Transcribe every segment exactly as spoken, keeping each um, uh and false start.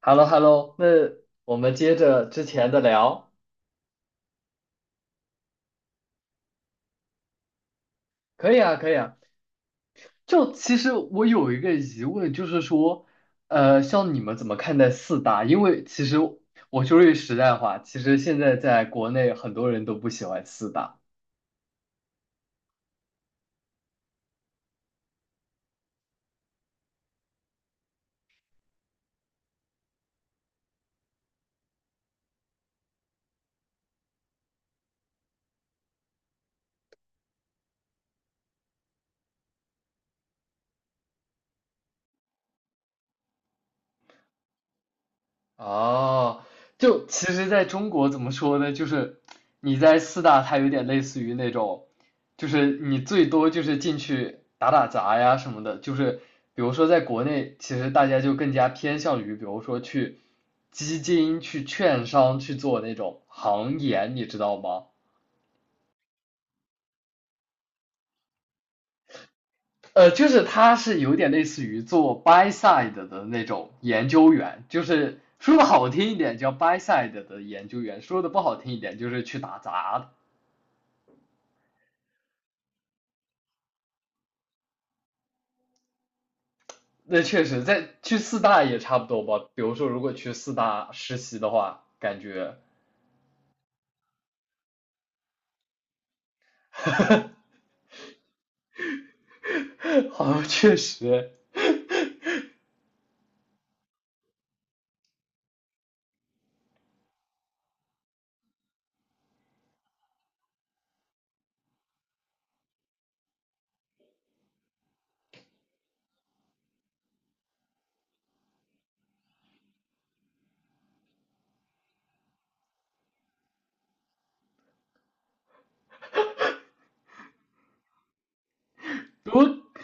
h e l l o h e l l o 那我们接着之前的聊，可以啊，可以啊。就其实我有一个疑问，就是说，呃，像你们怎么看待四大？因为其实我说句实在话，其实现在在国内很多人都不喜欢四大。哦，就其实在中国怎么说呢？就是你在四大，它有点类似于那种，就是你最多就是进去打打杂呀什么的。就是比如说在国内，其实大家就更加偏向于，比如说去基金、去券商去做那种行研，你知道吗？呃，就是他是有点类似于做 buy side 的那种研究员，就是说的好听一点叫 buy side 的研究员，说的不好听一点就是去打杂的。那确实，在去四大也差不多吧。比如说，如果去四大实习的话，感觉 好像确实，我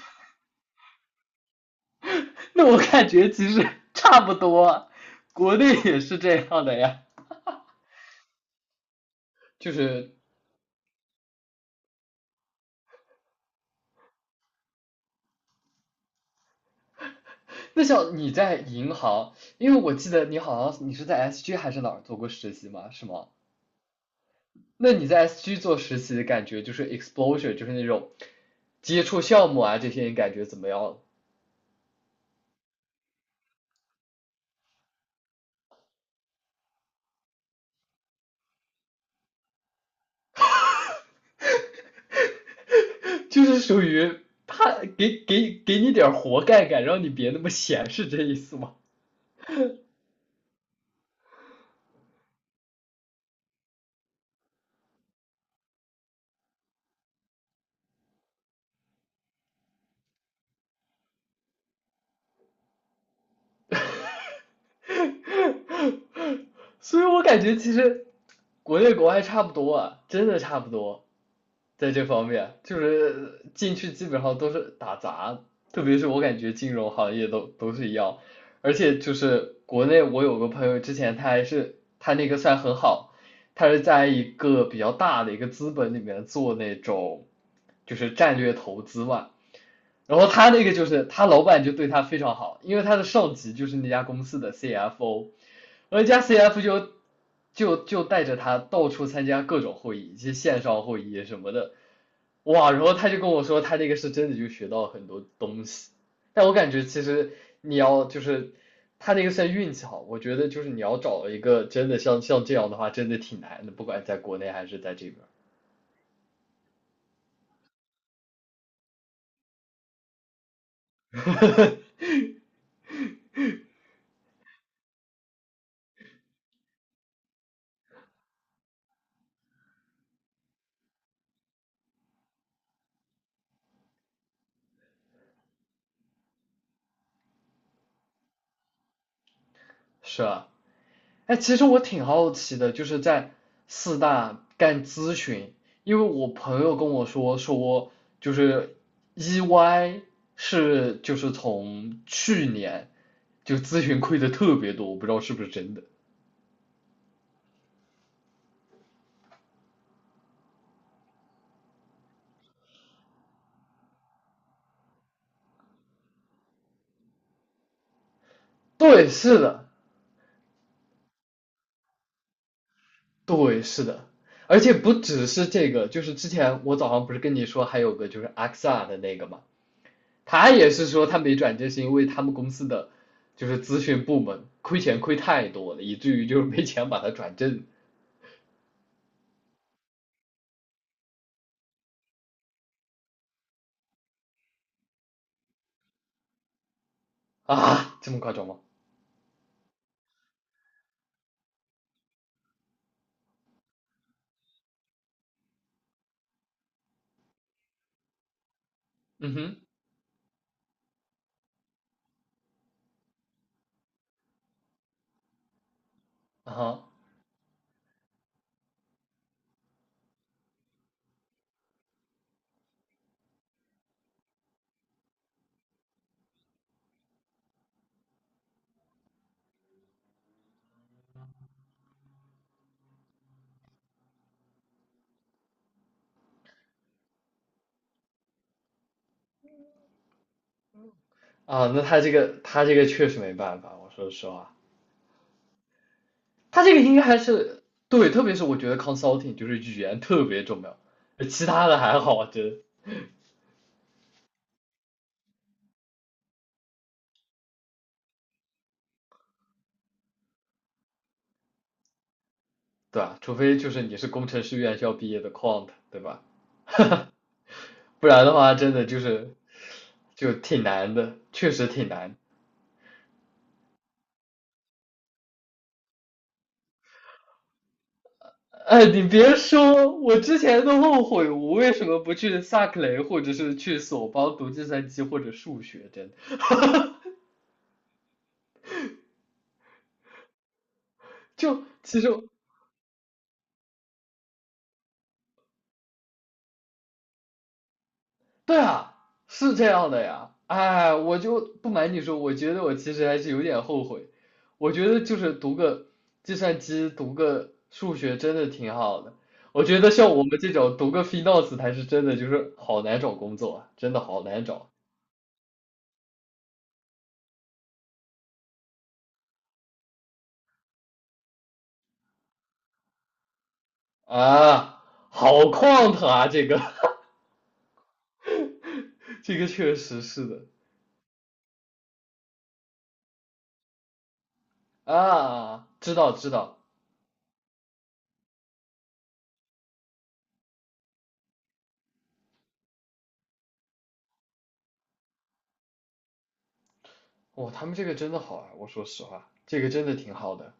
那我感觉其实差不多，国内也是这样的呀。就是那像你在银行，因为我记得你好像你是在 S G 还是哪儿做过实习嘛，是吗？那你在 S G 做实习的感觉就是 exposure，就是那种接触项目啊这些，你感觉怎么样？就是属于他给给给你点活干干，让你别那么闲，是这意思吗？所以我感觉其实国内国外差不多啊，真的差不多，在这方面就是进去基本上都是打杂，特别是我感觉金融行业都都是一样，而且就是国内我有个朋友之前他还是他那个算很好，他是在一个比较大的一个资本里面做那种就是战略投资嘛。然后他那个就是他老板就对他非常好，因为他的上级就是那家公司的 C F O，而那家 C F O 就就就带着他到处参加各种会议，一些线上会议什么的，哇！然后他就跟我说，他那个是真的就学到很多东西，但我感觉其实你要就是他那个算运气好，我觉得就是你要找一个真的像像这样的话，真的挺难的，不管在国内还是在这边。是啊。哎，其实我挺好奇的，就是在四大干咨询，因为我朋友跟我说说，就是 E Y 是就是从去年就咨询亏的特别多，我不知道是不是真的。对，是的，对，是的，而且不只是这个，就是之前我早上不是跟你说还有个就是阿克萨的那个嘛，他也是说他没转正是因为他们公司的就是咨询部门亏钱亏太多了，以至于就是没钱把他转正。啊，这么夸张吗？嗯哼，啊啊，那他这个他这个确实没办法，我说实话，他这个应该还是。对，特别是我觉得 consulting 就是语言特别重要，其他的还好，真。对啊，除非就是你是工程师院校毕业的 quant，对吧？不然的话，真的就是就挺难的，确实挺难。哎，你别说，我之前都后悔，我为什么不去萨克雷，或者是去索邦读计算机或者数学，真的。就其实对啊，是这样的呀。哎，我就不瞒你说，我觉得我其实还是有点后悔。我觉得就是读个计算机，读个数学真的挺好的。我觉得像我们这种读个 f i 子才是真的，就是好难找工作啊，真的好难找啊，好旷腾啊，这个 这个确实是的。啊，知道知道，哇，他们这个真的好啊，我说实话，这个真的挺好的。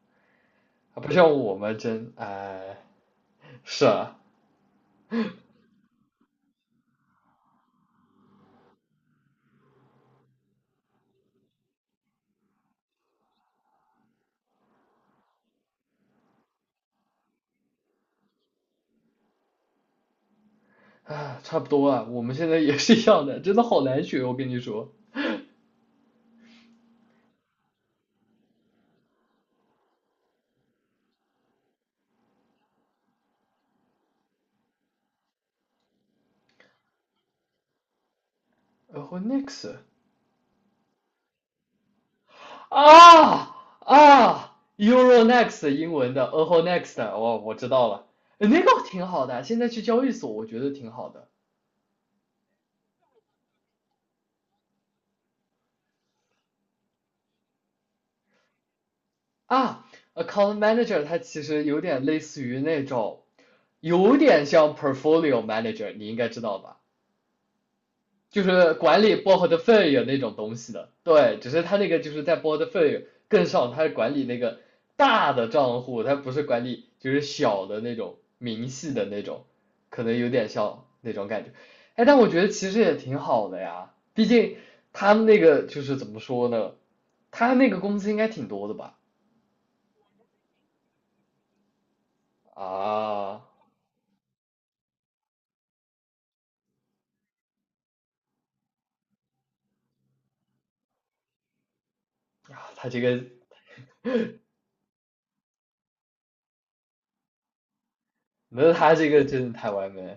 啊，不像我们真哎，是啊，啊，差不多啊，我们现在也是一样的，真的好难学，我跟你说。然后 next 啊啊，Euro next 英文的，然后 next 哦，我知道了，呃那个挺好的，现在去交易所我觉得挺好的啊。Account manager 它其实有点类似于那种，有点像 portfolio manager，你应该知道吧？就是管理 p o r t 的 o l 那种东西的，对，只是他那个就是在 p o r t f o l 更上，他是管理那个大的账户，他不是管理就是小的那种明细的那种，可能有点像那种感觉。哎，但我觉得其实也挺好的呀，毕竟他们那个就是怎么说呢，他那个工资应该挺多的吧？啊，他这个，那他这个真的太完美了。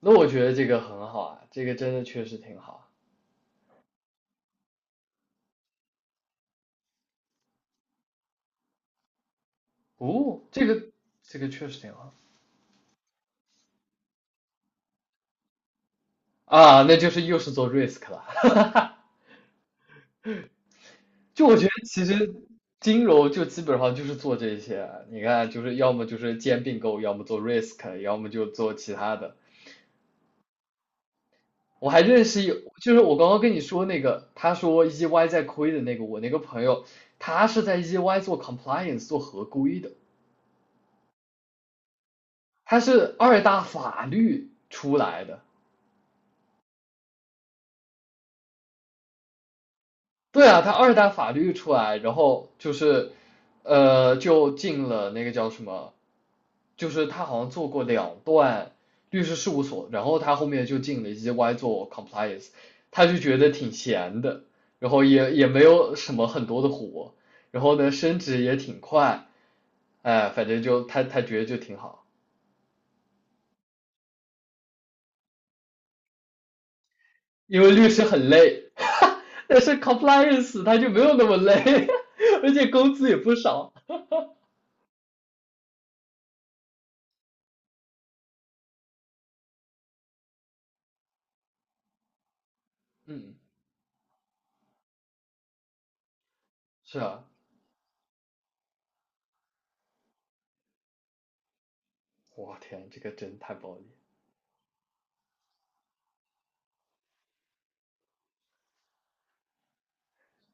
那我觉得这个很好啊，这个真的确实挺好。哦，这个这个确实挺好。啊，那就是又是做 risk 了。就我觉得其实金融就基本上就是做这些，你看就是要么就是兼并购，要么做 risk，要么就做其他的。我还认识有，就是我刚刚跟你说那个，他说 E Y 在亏的那个，我那个朋友，他是在 E Y 做 compliance 做合规的，他是二大法律出来的，对啊，他二代法律出来，然后就是，呃，就进了那个叫什么，就是他好像做过两段律师事务所，然后他后面就进了 E Y 做 compliance，他就觉得挺闲的，然后也也没有什么很多的活，然后呢升职也挺快，哎，反正就他他觉得就挺好，因为律师很累，但是 compliance 他就没有那么累，而且工资也不少，嗯，是啊。我天，这个真太暴力了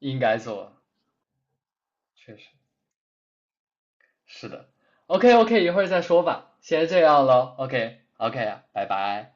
应该做，确实是的。OK OK，一会儿再说吧，先这样了。OK OK，啊拜拜。